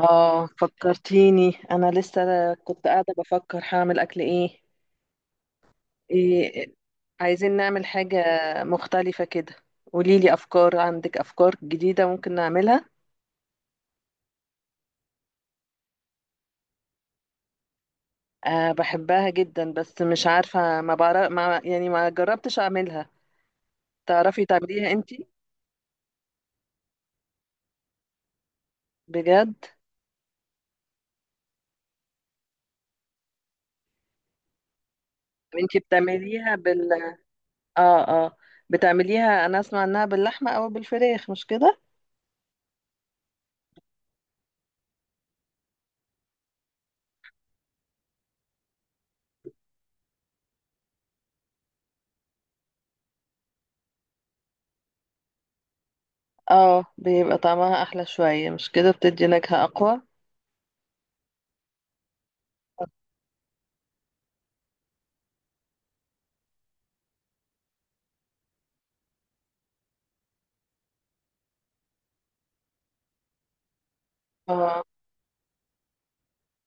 اه، فكرتيني. انا لسه كنت قاعده بفكر هعمل اكل ايه. ايه، عايزين نعمل حاجه مختلفه كده. قوليلي افكار، عندك افكار جديده ممكن نعملها. أه، بحبها جدا، بس مش عارفه، ما بعرف، ما يعني، ما جربتش اعملها. تعرفي تعمليها انتي؟ بجد؟ طب انتي اه اه بتعمليها، انا اسمع انها باللحمه او بالفراخ، مش كده؟ اه، بيبقى طعمها احلى شويه، مش كده؟ بتدي نكهه اقوى. اه،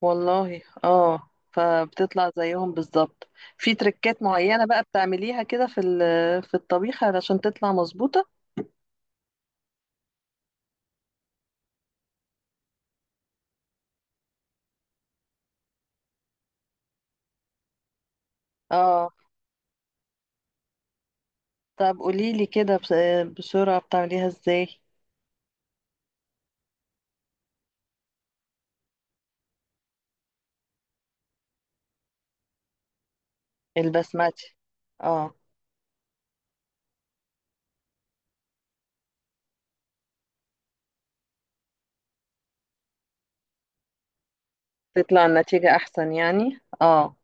والله، اه، فبتطلع زيهم بالظبط. في تركات معينة بقى بتعمليها كده في الطبيخ علشان تطلع مظبوطة؟ اه. طب قوليلي كده بسرعة بتعمليها ازاي؟ البسمتي. اه، تطلع النتيجة احسن يعني، اه.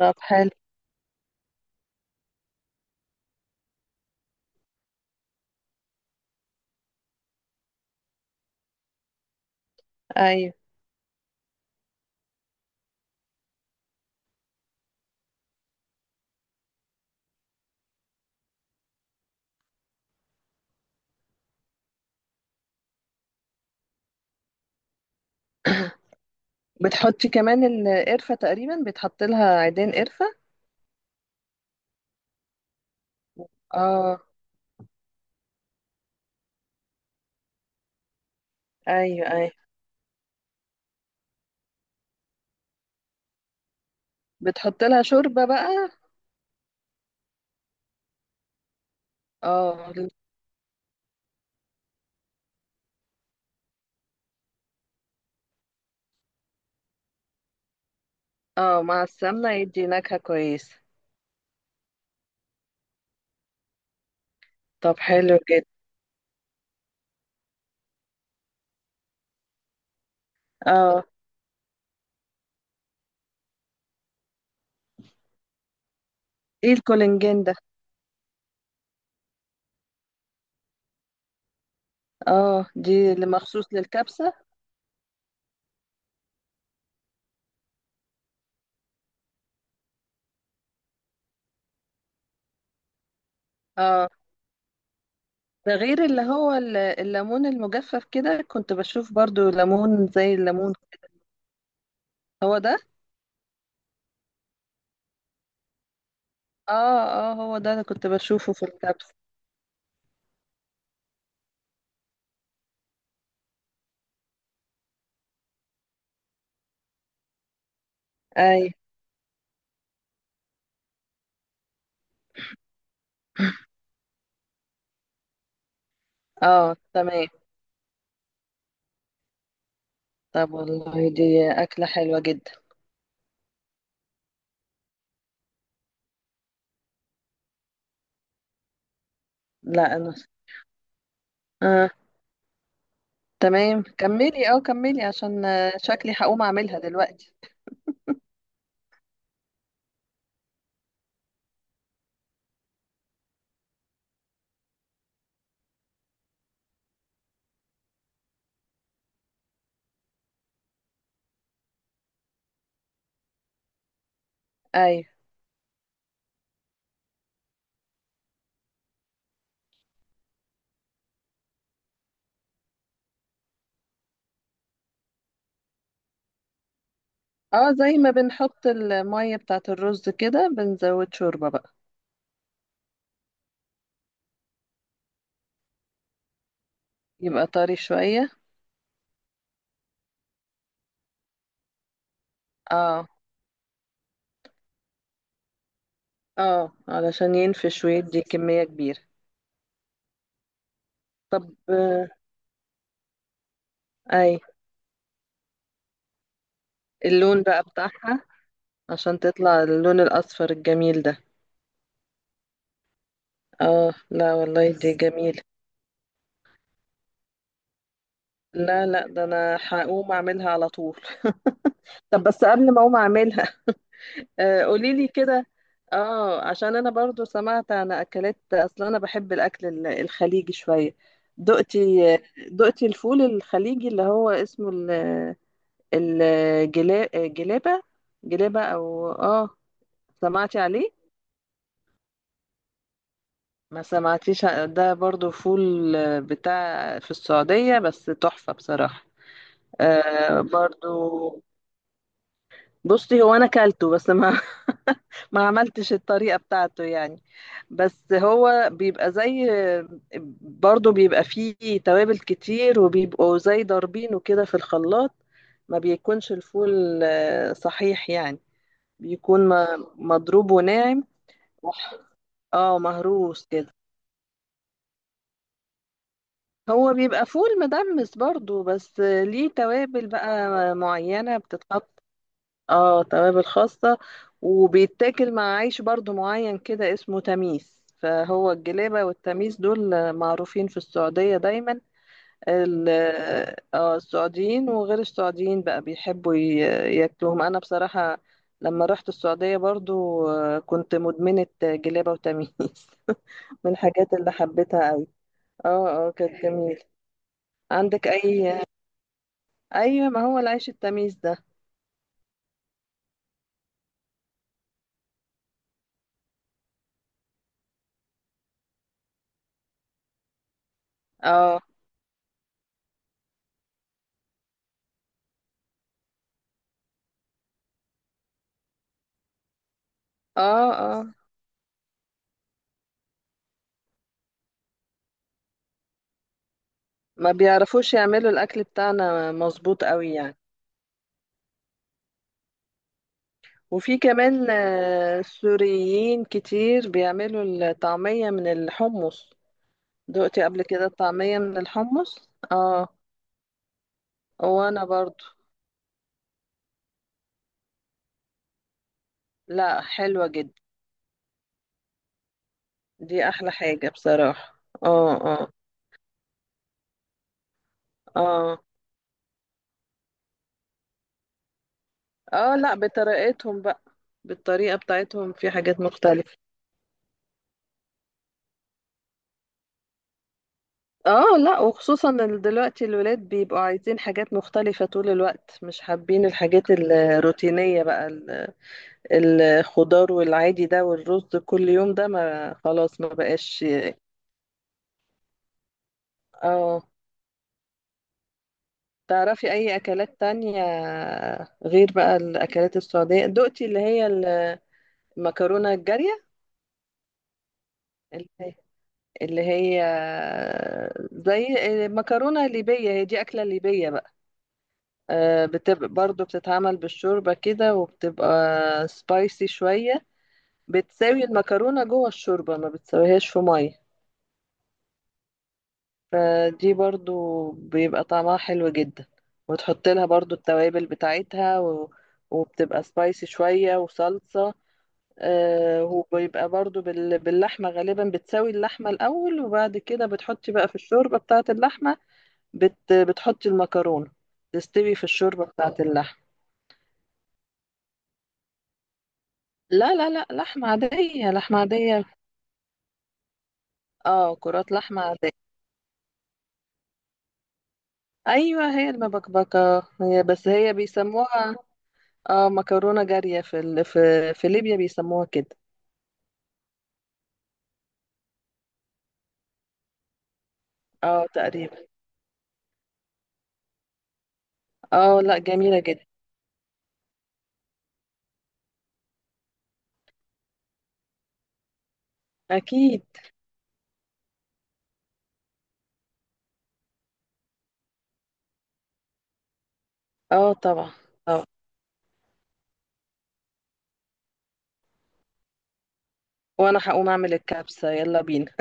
طب، حلو. ايوه، بتحطي كمان القرفة، تقريبا بتحط لها عيدين قرفة. اه. ايوه، ايوه، بتحط لها شوربة بقى؟ اه، اه، مع السمنة يدي نكهة كويسة. طب حلو جدا. اه. ايه الكولنجين ده؟ اه، دي اللي مخصوص للكبسة. اه، ده غير اللي هو الليمون المجفف، كده كنت بشوف برضو ليمون، زي الليمون. هو ده. اه. اه، هو ده اللي كنت بشوفه في الكبسة. اي، اه، تمام. طب والله، دي أكلة حلوة جدا. لا انا. اه، تمام، كملي عشان شكلي هقوم اعملها دلوقتي. اي، اه، زي ما بنحط المية بتاعة الرز كده، بنزود شوربة بقى. يبقى طري شوية. اه، اه، علشان ينفش ويدي كمية كبيرة. طب اي، اللون بقى بتاعها. عشان تطلع اللون الأصفر الجميل ده. اه، لا والله دي جميلة. لا، لا، ده انا هقوم اعملها على طول. طب بس قبل ما اقوم اعملها، قوليلي كده. اه، عشان انا برضو سمعت عن اكلات، اصلا انا بحب الاكل الخليجي شوية. دقتي دقتي الفول الخليجي اللي هو اسمه الجلابة. جلابة، جلابة او اه. سمعتي عليه؟ ما سمعتيش. ده برضو فول بتاع في السعودية، بس تحفة بصراحة. آه، برضو. بصي، هو انا كلته بس ما. ما عملتش الطريقة بتاعته يعني. بس هو بيبقى زي. برضو بيبقى فيه توابل كتير، وبيبقوا زي ضاربينه كده في الخلاط. ما بيكونش الفول صحيح يعني. بيكون مضروب وناعم. وح- اه، مهروس كده. هو بيبقى فول مدمس برضو، بس ليه توابل بقى معينة بتتحط. اه، توابل خاصة. وبيتاكل مع عيش برضو معين كده اسمه تميس، فهو الجلابة والتميس دول معروفين في السعودية دايما. ال- اه، السعوديين وغير السعوديين بقى بيحبوا ياكلوهم. انا بصراحة لما رحت السعودية برضو كنت مدمنة جلابة وتميس. من الحاجات اللي حبيتها قوي. اه، اه، كانت جميلة. عندك اي؟ ايوه، ما هو العيش التميس ده. اه، اه، اه، ما بيعرفوش يعملوا الاكل بتاعنا مظبوط قوي يعني. وفي كمان سوريين كتير بيعملوا الطعمية من الحمص. دقتي قبل كده الطعمية من الحمص؟ اه. وانا برضو. لا، حلوة جدا. دي احلى حاجة بصراحة. اه، اه، اه، اه. لا، بطريقتهم بقى، بالطريقة بتاعتهم في حاجات مختلفة. اه، لا، وخصوصا ان دلوقتي الولاد بيبقوا عايزين حاجات مختلفة طول الوقت، مش حابين الحاجات الروتينية بقى. الخضار والعادي ده، والرز كل يوم ده، ما خلاص ما بقاش. اه. تعرفي اي اكلات تانية غير بقى الاكلات السعودية؟ دقتي اللي هي المكرونة الجارية؟ اللي هي اللي هي زي المكرونة الليبية، هي دي أكلة ليبية بقى. بتبقى برضو بتتعمل بالشوربة كده، وبتبقى سبايسي شوية. بتساوي المكرونة جوه الشوربة، ما بتساويهاش في مية. فدي برضو بيبقى طعمها حلو جدا. وتحط لها برضو التوابل بتاعتها وبتبقى سبايسي شوية وصلصة. وبيبقى برضو باللحمة غالبا، بتساوي اللحمة الأول، وبعد كده بتحطي بقى في الشوربة بتاعة اللحمة. بتحطي المكرونة، تستوي في الشوربة بتاعة اللحمة. لا، لا، لا، لحمة عادية، لحمة عادية. اه، كرات لحمة عادية. ايوه، هي المبكبكة هي، بس هي بيسموها اه مكرونة جارية في في ليبيا بيسموها كده. اه، تقريبا. اه، لا، جميلة جدا. اكيد. اه، طبعا. اه. وانا هقوم اعمل الكبسة، يلا بينا.